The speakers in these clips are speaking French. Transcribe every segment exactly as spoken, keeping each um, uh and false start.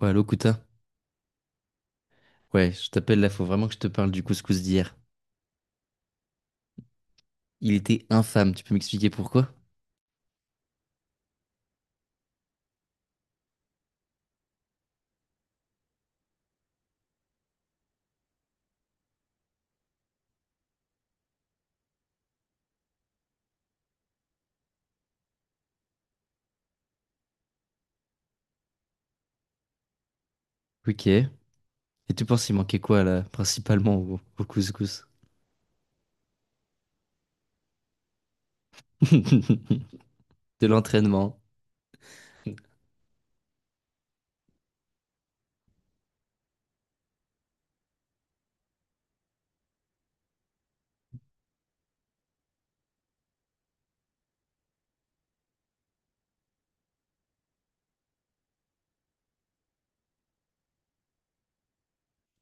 Ouais, Locuta. Ouais, je t'appelle là, faut vraiment que je te parle du couscous d'hier. Il était infâme, tu peux m'expliquer pourquoi? Ok. Et tu penses il manquait quoi là, principalement au, au couscous? De l'entraînement.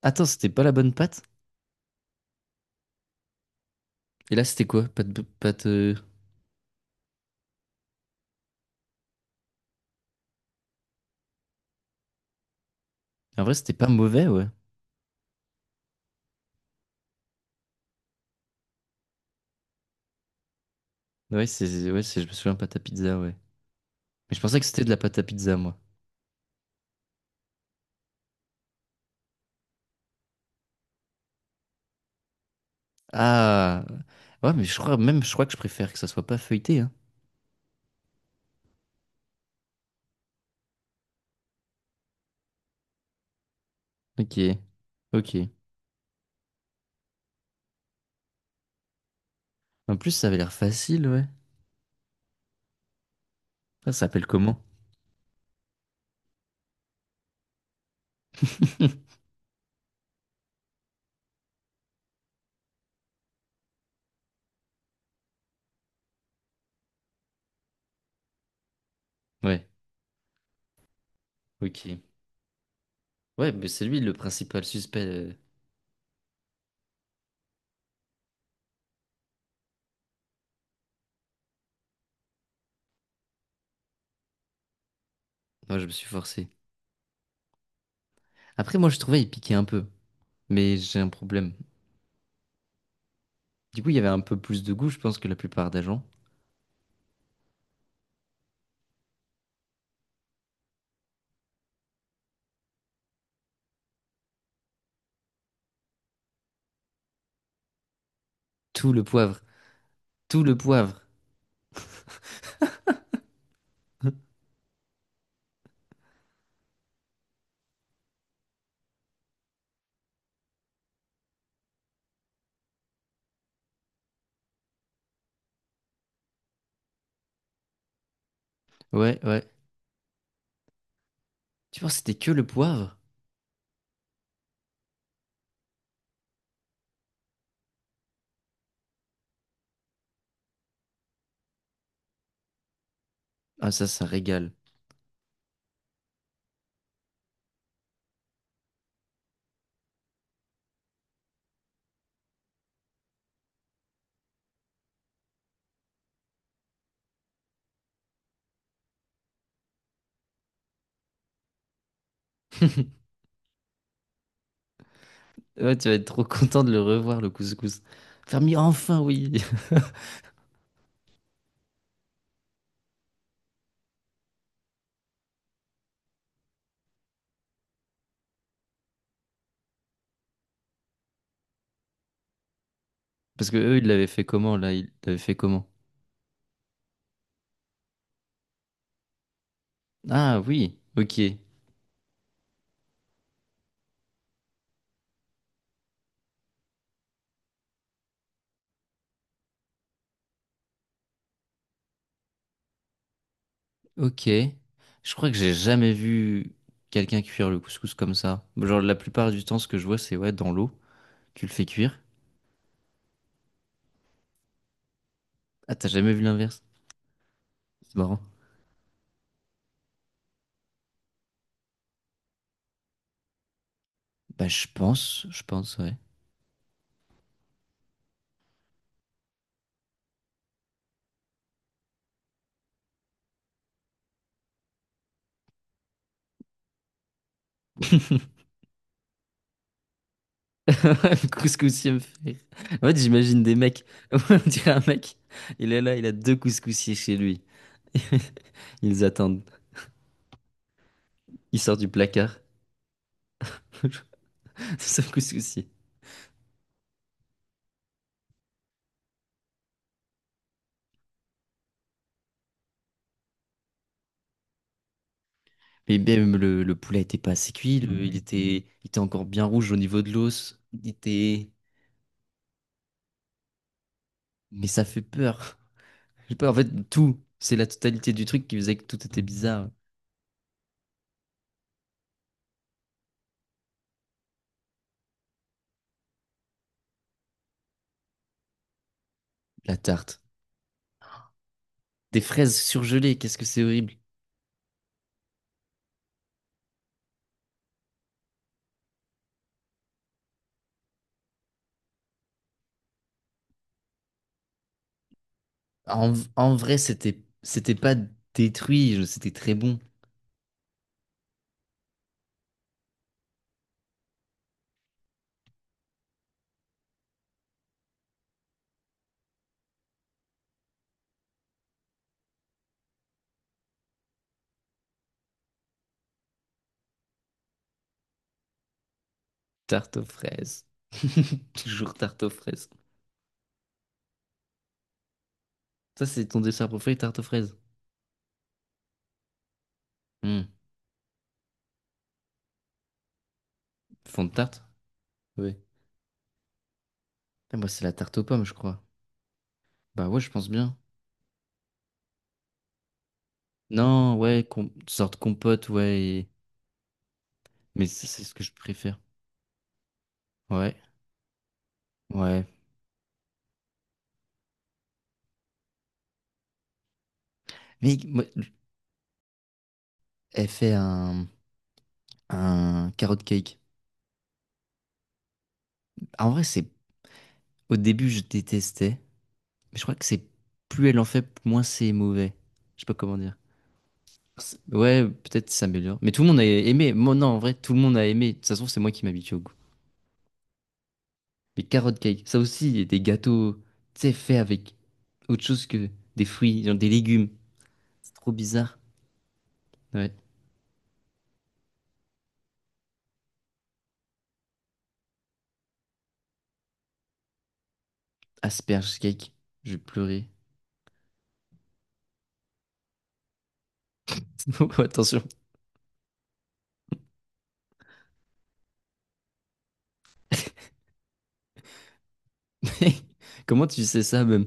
Attends, c'était pas la bonne pâte? Et là, c'était quoi? Pâte, b- pâte. euh, En vrai, c'était pas mauvais, ouais. Ouais, c'est, ouais, c'est, je me souviens pâte à pizza, ouais. Mais je pensais que c'était de la pâte à pizza, moi. Ah, ouais, mais je crois même, je crois que je préfère que ça soit pas feuilleté, hein. Ok, ok. En plus, ça avait l'air facile, ouais. Ça s'appelle comment? Ouais, ok. Ouais, mais c'est lui le principal suspect. euh. Moi, je me suis forcé. Après, moi, je trouvais il piquait un peu, mais j'ai un problème. Du coup, il y avait un peu plus de goût, je pense, que la plupart des gens. Tout le poivre, tout le poivre. Ouais, ouais. Tu penses que c'était que le poivre? Ah, ça, ça régale. Ouais, tu vas être trop content de le revoir, le couscous. Fermier, enfin, oui. Parce que eux, ils l'avaient fait comment, là? Ils l'avaient fait comment? Ah, oui, ok. Ok. Je crois que j'ai jamais vu quelqu'un cuire le couscous comme ça. Genre, la plupart du temps, ce que je vois, c'est ouais, dans l'eau, tu le fais cuire. Ah, t'as jamais vu l'inverse? C'est marrant. Bah, je pense, je pense, ouais. Le couscoussier me fait rire. En fait, j'imagine des mecs. On dirait un mec, il est là, il a deux couscoussiers chez lui. Ils attendent. Il sort du placard. C'est un couscoussier. Mais même le, le poulet était pas assez cuit, le- il était, il était encore bien rouge au niveau de l'os. Il était. Mais ça fait peur. J'ai peur. En fait, tout, c'est la totalité du truc qui faisait que tout était bizarre. La tarte. Des fraises surgelées, qu'est-ce que c'est horrible. En, en vrai, c'était c'était pas détruit, je- c'était très bon. Tarte aux fraises. Toujours tarte aux fraises. Ça, c'est ton dessert préféré, tarte aux fraises. Hmm. Fond de tarte? Oui. Ah, moi, c'est la tarte aux pommes, je crois. Bah ouais, je pense bien. Non, ouais, com- sorte compote, ouais. et- Mais ça, c'est ce que je préfère. Ouais, ouais. Mais moi, elle fait un... un carrot cake. En vrai, c'est au début, je détestais, mais je crois que c'est plus elle en fait, moins c'est mauvais. Je sais pas comment dire. C'est- Ouais, peut-être ça s'améliore. Mais tout le monde a aimé. Moi, non, en vrai, tout le monde a aimé. De toute façon, c'est moi qui m'habitue au goût. Mais carrot cake, ça aussi, il y a des gâteaux, tu sais, faits avec autre chose que des fruits, genre des légumes. C'est trop bizarre. Ouais. Asperge cake, je vais pleurer. Oh, attention. Comment tu sais ça, même?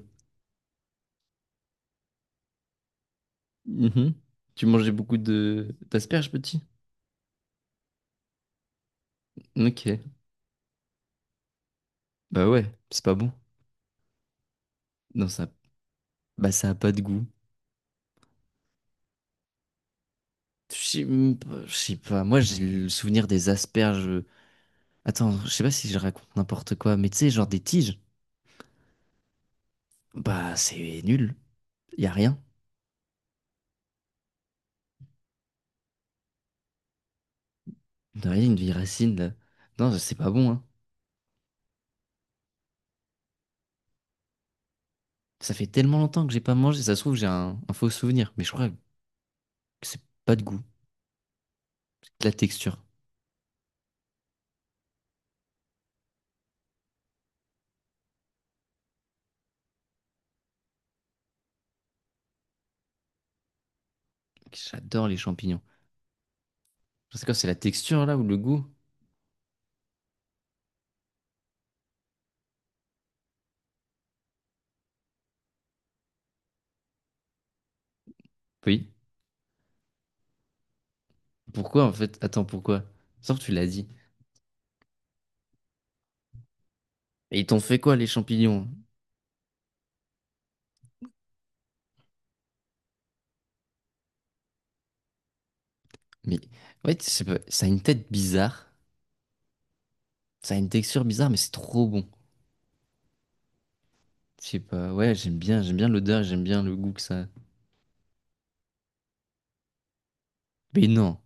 Mhm. Tu mangeais beaucoup de d'asperges, petit? Ok. Bah ouais, c'est pas bon. Non, ça, bah ça a pas de goût. Je sais même pas, je sais pas. Moi, j'ai le souvenir des asperges. Attends, je sais pas si je raconte n'importe quoi, mais tu sais, genre des tiges. Bah, c'est nul. Y a rien. De rien, une vieille racine, là. Non, c'est pas bon, hein. Ça fait tellement longtemps que j'ai pas mangé, ça se trouve, j'ai un, un faux souvenir. Mais je crois que c'est pas de goût, c'est de la texture. J'adore les champignons. C'est quoi, c'est la texture, là, ou le goût? Oui. Pourquoi, en fait? Attends, pourquoi? Sauf que tu l'as dit. Et ils t'ont fait quoi, les champignons? Mais ouais, je sais pas, ça a une tête bizarre, ça a une texture bizarre, mais c'est trop bon. Je sais pas, ouais, j'aime bien, j'aime bien l'odeur, j'aime bien le goût que ça a. Mais non.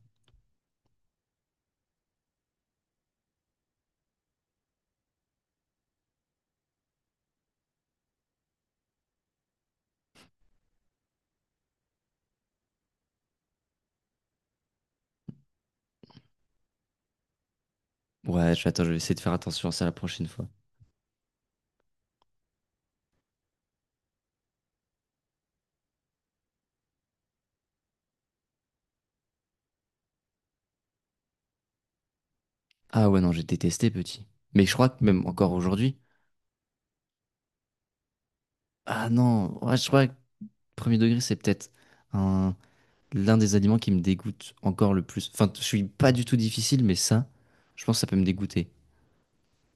Ouais, je- attends, je vais essayer de faire attention à ça la prochaine fois. Ah ouais, non, j'ai détesté petit. Mais je crois que même encore aujourd'hui. Ah non, ouais, je crois que premier degré, c'est peut-être un- l'un des aliments qui me dégoûte encore le plus. Enfin, je suis pas du tout difficile, mais ça, je pense que ça peut me dégoûter.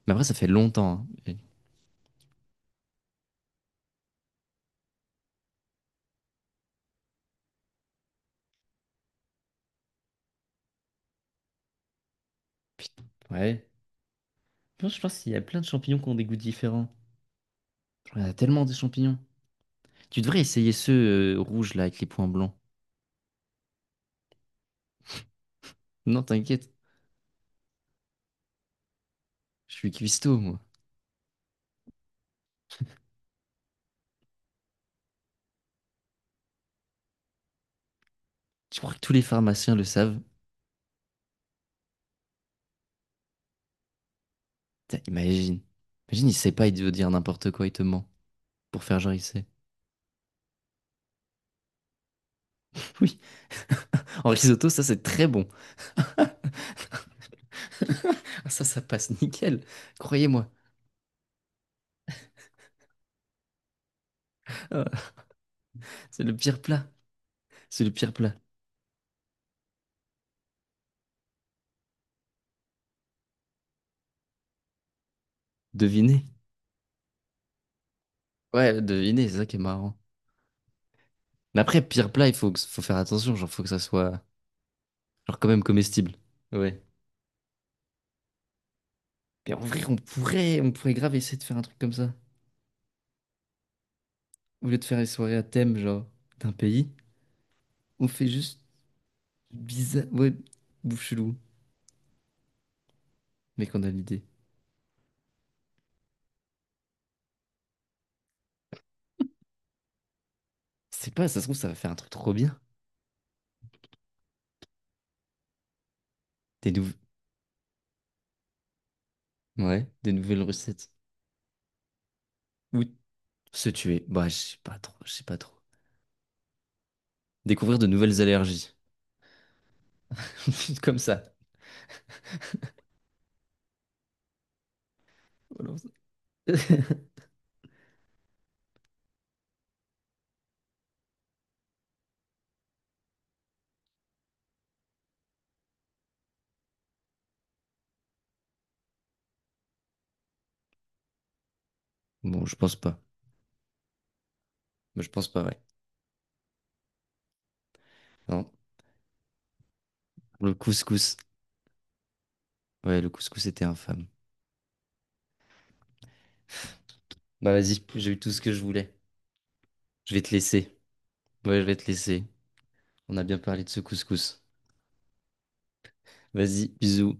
Mais après, ça fait longtemps, hein. Et- Putain, ouais. Je pense je pense qu'il y a plein de champignons qui ont des goûts différents. Il y en a tellement des champignons. Tu devrais essayer ceux euh, rouges là avec les points blancs. Non, t'inquiète, je suis cuistot moi. Tu crois que tous les pharmaciens le savent? Putain, imagine. Imagine, il sait pas, il veut dire n'importe quoi, il te ment pour faire genre il sait. Oui, en risotto, ça c'est très bon. Ça, ça passe nickel. Croyez-moi, ah, c'est le pire plat. C'est le pire plat. Devinez. Ouais, devinez, c'est ça qui est marrant. Mais après, pire plat, il faut, que- faut faire attention, genre faut que ça soit genre quand même comestible. Ouais. Mais en vrai, on pourrait, on pourrait grave essayer de faire un truc comme ça. Au lieu de faire les soirées à thème, genre, d'un pays, on fait juste bizarre, ouais, bouche-loup, mais qu'on a l'idée. C'est pas, ça se trouve, ça va faire un truc trop bien. Des nouveaux, ouais, des nouvelles recettes. Ou se tuer. Bah, je sais pas trop, je sais pas trop. Découvrir de nouvelles allergies. Comme ça. Voilà. Bon, je pense pas. Moi, je pense pas, ouais. Non. Le couscous. Ouais, le couscous était infâme. Bah, vas-y, j'ai eu tout ce que je voulais. Je vais te laisser. Ouais, je vais te laisser. On a bien parlé de ce couscous. Vas-y, bisous.